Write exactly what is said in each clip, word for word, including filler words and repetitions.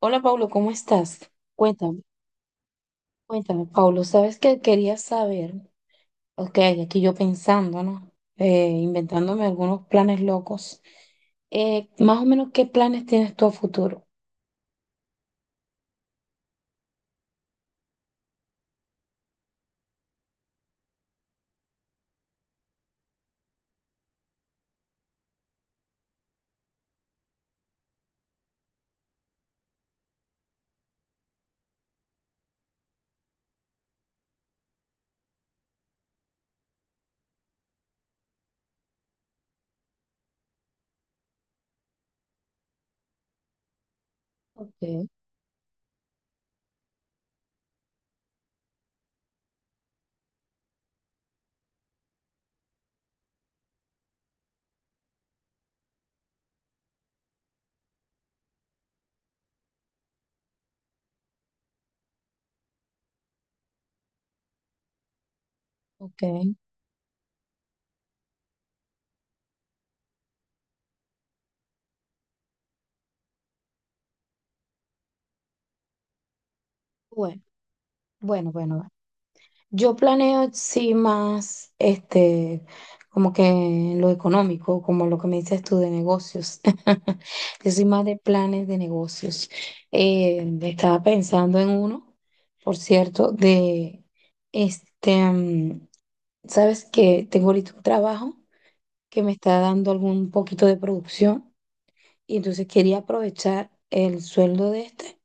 Hola Pablo, ¿cómo estás? Cuéntame, cuéntame, Pablo, ¿sabes qué quería saber? Ok, aquí yo pensando, ¿no? Eh, inventándome algunos planes locos. Eh, más o menos, ¿qué planes tienes tú a futuro? Ok, ok, bueno, bueno, bueno. Yo planeo, sí, más, este, como que lo económico, como lo que me dices tú de negocios. Yo soy más de planes de negocios. Eh, estaba pensando en uno, por cierto, de, este, mm, sabes que tengo ahorita un trabajo que me está dando algún poquito de producción, y entonces quería aprovechar el sueldo de este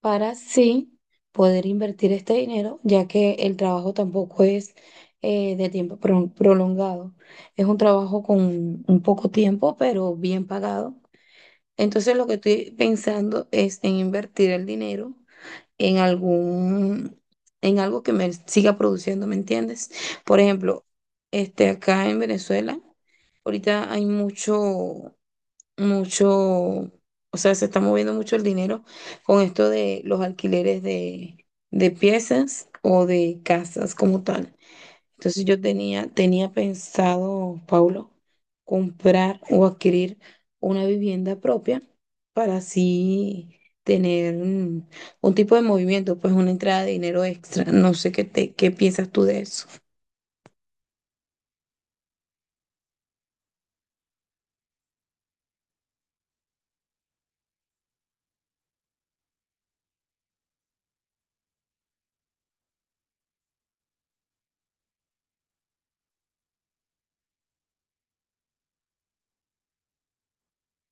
para sí poder invertir este dinero, ya que el trabajo tampoco es eh, de tiempo pro- prolongado. Es un trabajo con un poco tiempo, pero bien pagado. Entonces lo que estoy pensando es en invertir el dinero en algún, en algo que me siga produciendo, ¿me entiendes? Por ejemplo, este, acá en Venezuela, ahorita hay mucho mucho, o sea, se está moviendo mucho el dinero con esto de los alquileres de, de piezas o de casas como tal. Entonces yo tenía, tenía pensado, Paulo, comprar o adquirir una vivienda propia para así tener mm, un, tipo de movimiento, pues una entrada de dinero extra. No sé qué te, qué piensas tú de eso.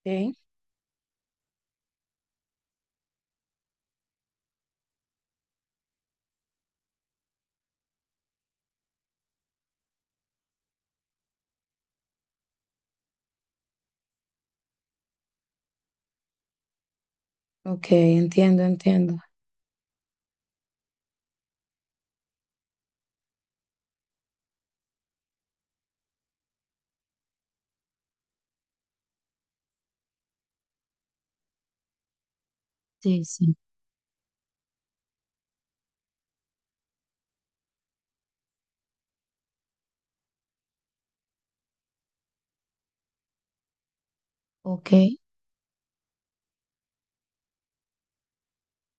Ok. Ok, entiendo, entiendo. Sí, sí. Ok.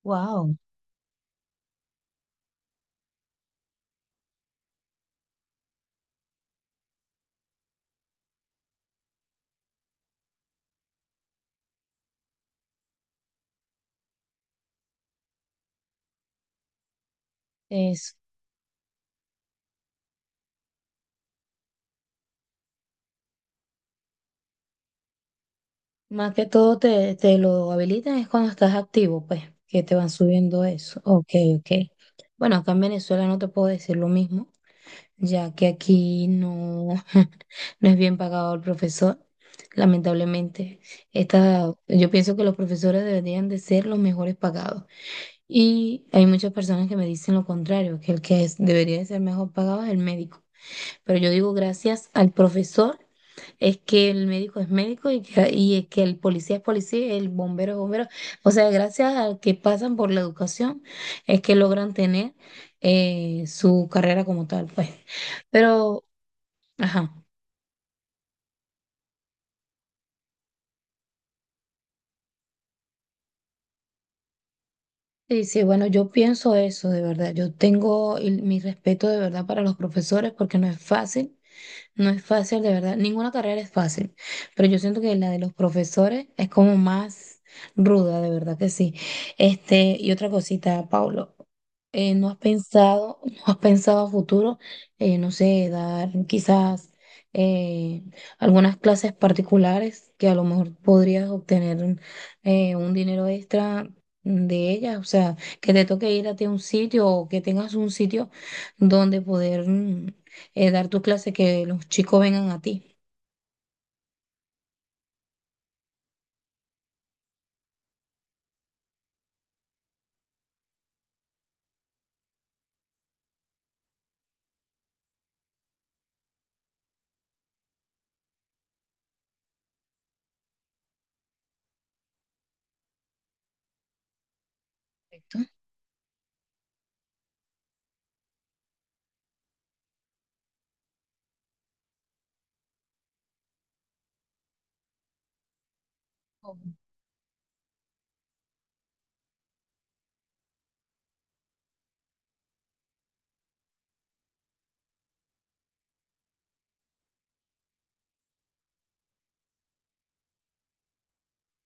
Wow. Más que todo te, te lo habilitan es cuando estás activo, pues, que te van subiendo eso. Ok, ok. Bueno, acá en Venezuela no te puedo decir lo mismo, ya que aquí no, no es bien pagado el profesor, lamentablemente. Esta, yo pienso que los profesores deberían de ser los mejores pagados. Y hay muchas personas que me dicen lo contrario, que el que es- debería de ser mejor pagado es el médico. Pero yo digo gracias al profesor es que el médico es médico y que, y es que el policía es policía, el bombero es bombero. O sea, gracias a que pasan por la educación es que logran tener eh, su carrera como tal, pues. Pero, ajá. Sí, sí, bueno, yo pienso eso de verdad. Yo tengo el- mi respeto de verdad para los profesores porque no es fácil. No es fácil, de verdad. Ninguna carrera es fácil, pero yo siento que la de los profesores es como más ruda, de verdad que sí. Este, y otra cosita, Paulo, eh, ¿no has pensado, no has pensado a futuro, eh, no sé, dar quizás eh, algunas clases particulares que a lo mejor podrías obtener un eh, un dinero extra de ellas? O sea, que te toque ir a ti a un sitio o que tengas un sitio donde poder... mm, eh, dar tu clase, que los chicos vengan a ti. Perfecto.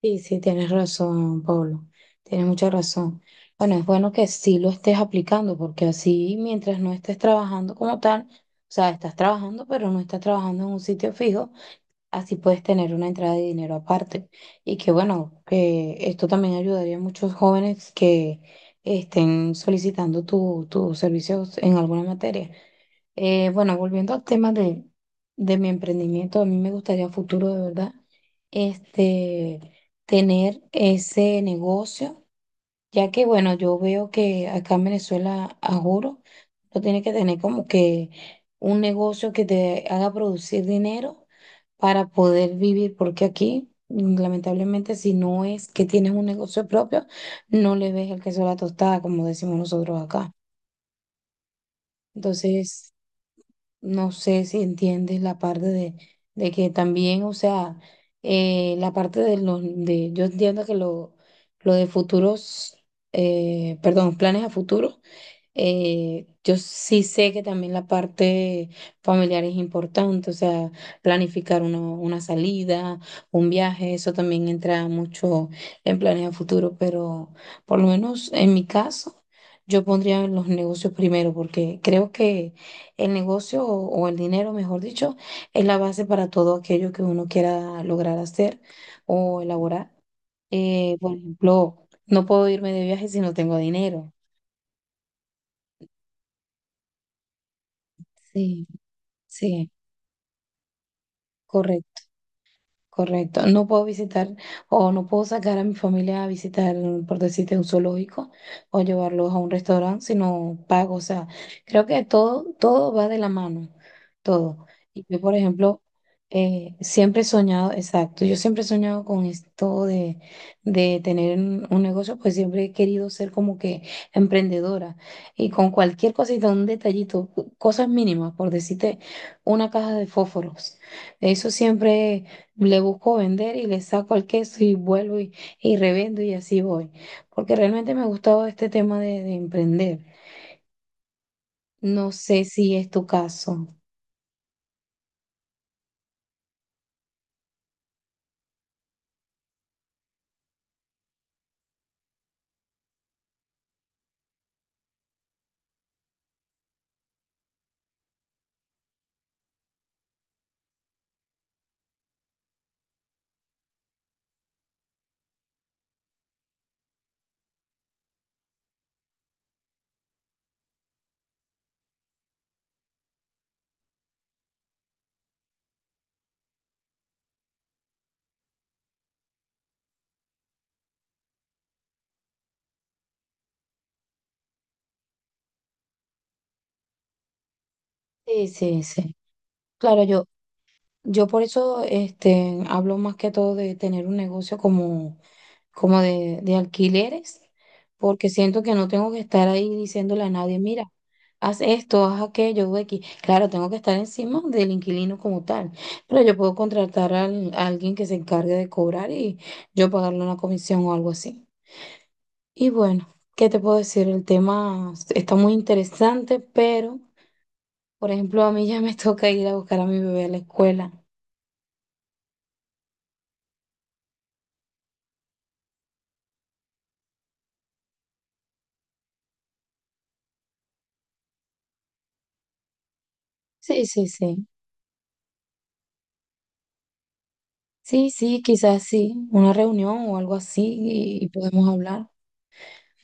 Sí, sí, tienes razón, Pablo. Tienes mucha razón. Bueno, es bueno que sí lo estés aplicando, porque así mientras no estés trabajando como tal, o sea, estás trabajando, pero no estás trabajando en un sitio fijo, así puedes tener una entrada de dinero aparte. Y que bueno, que esto también ayudaría a muchos jóvenes que estén solicitando tu, tus servicios en alguna materia. Eh, bueno, volviendo al tema de, de mi emprendimiento, a mí me gustaría a futuro, de verdad, este, tener ese negocio, ya que, bueno, yo veo que acá en Venezuela, a juro, tú tienes que tener como que un negocio que te haga producir dinero para poder vivir, porque aquí, mm, lamentablemente, si no es que tienes un negocio propio, no le ves el queso a la tostada, como decimos nosotros acá. Entonces... No sé si entiendes la parte de, de que también, o sea, eh, la parte de los, de, yo entiendo que lo, lo de futuros, eh, perdón, planes a futuro, eh, yo sí sé que también la parte familiar es importante, o sea, planificar uno- una salida, un viaje, eso también entra mucho en planes a futuro, pero por lo menos en mi caso, yo pondría los negocios primero, porque creo que el negocio o, o el dinero, mejor dicho, es la base para todo aquello que uno quiera lograr hacer o elaborar. Eh, por ejemplo, no puedo irme de viaje si no tengo dinero. Sí, sí. Correcto. Correcto, no puedo visitar o no puedo sacar a mi familia a visitar, por decirte, un zoológico o llevarlos a un restaurante, sino pago. O sea, creo que todo, todo va de la mano, todo. Y yo, por ejemplo, eh, siempre he soñado, exacto, yo siempre he soñado con esto de, de tener un, un negocio, pues siempre he querido ser como que emprendedora, y con cualquier cosita, un detallito, cosas mínimas, por decirte, una caja de fósforos. Eso siempre le busco vender y le saco al queso y vuelvo y, y revendo, y así voy. Porque realmente me ha gustado este tema de, de emprender. No sé si es tu caso. Sí, sí, sí. Claro, yo, yo por eso este, hablo más que todo de tener un negocio como como de, de alquileres, porque siento que no tengo que estar ahí diciéndole a nadie, mira, haz esto, haz aquello, haz X. Claro, tengo que estar encima del inquilino como tal, pero yo puedo contratar al- a alguien que se encargue de cobrar y yo pagarle una comisión o algo así. Y bueno, ¿qué te puedo decir? El tema está muy interesante, pero, por ejemplo, a mí ya me toca ir a buscar a mi bebé a la escuela. Sí, sí, sí. Sí, sí, quizás sí, una reunión o algo así, y y podemos hablar.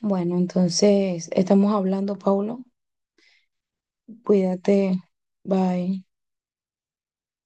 Bueno, entonces estamos hablando, Paulo. Cuídate. Bye.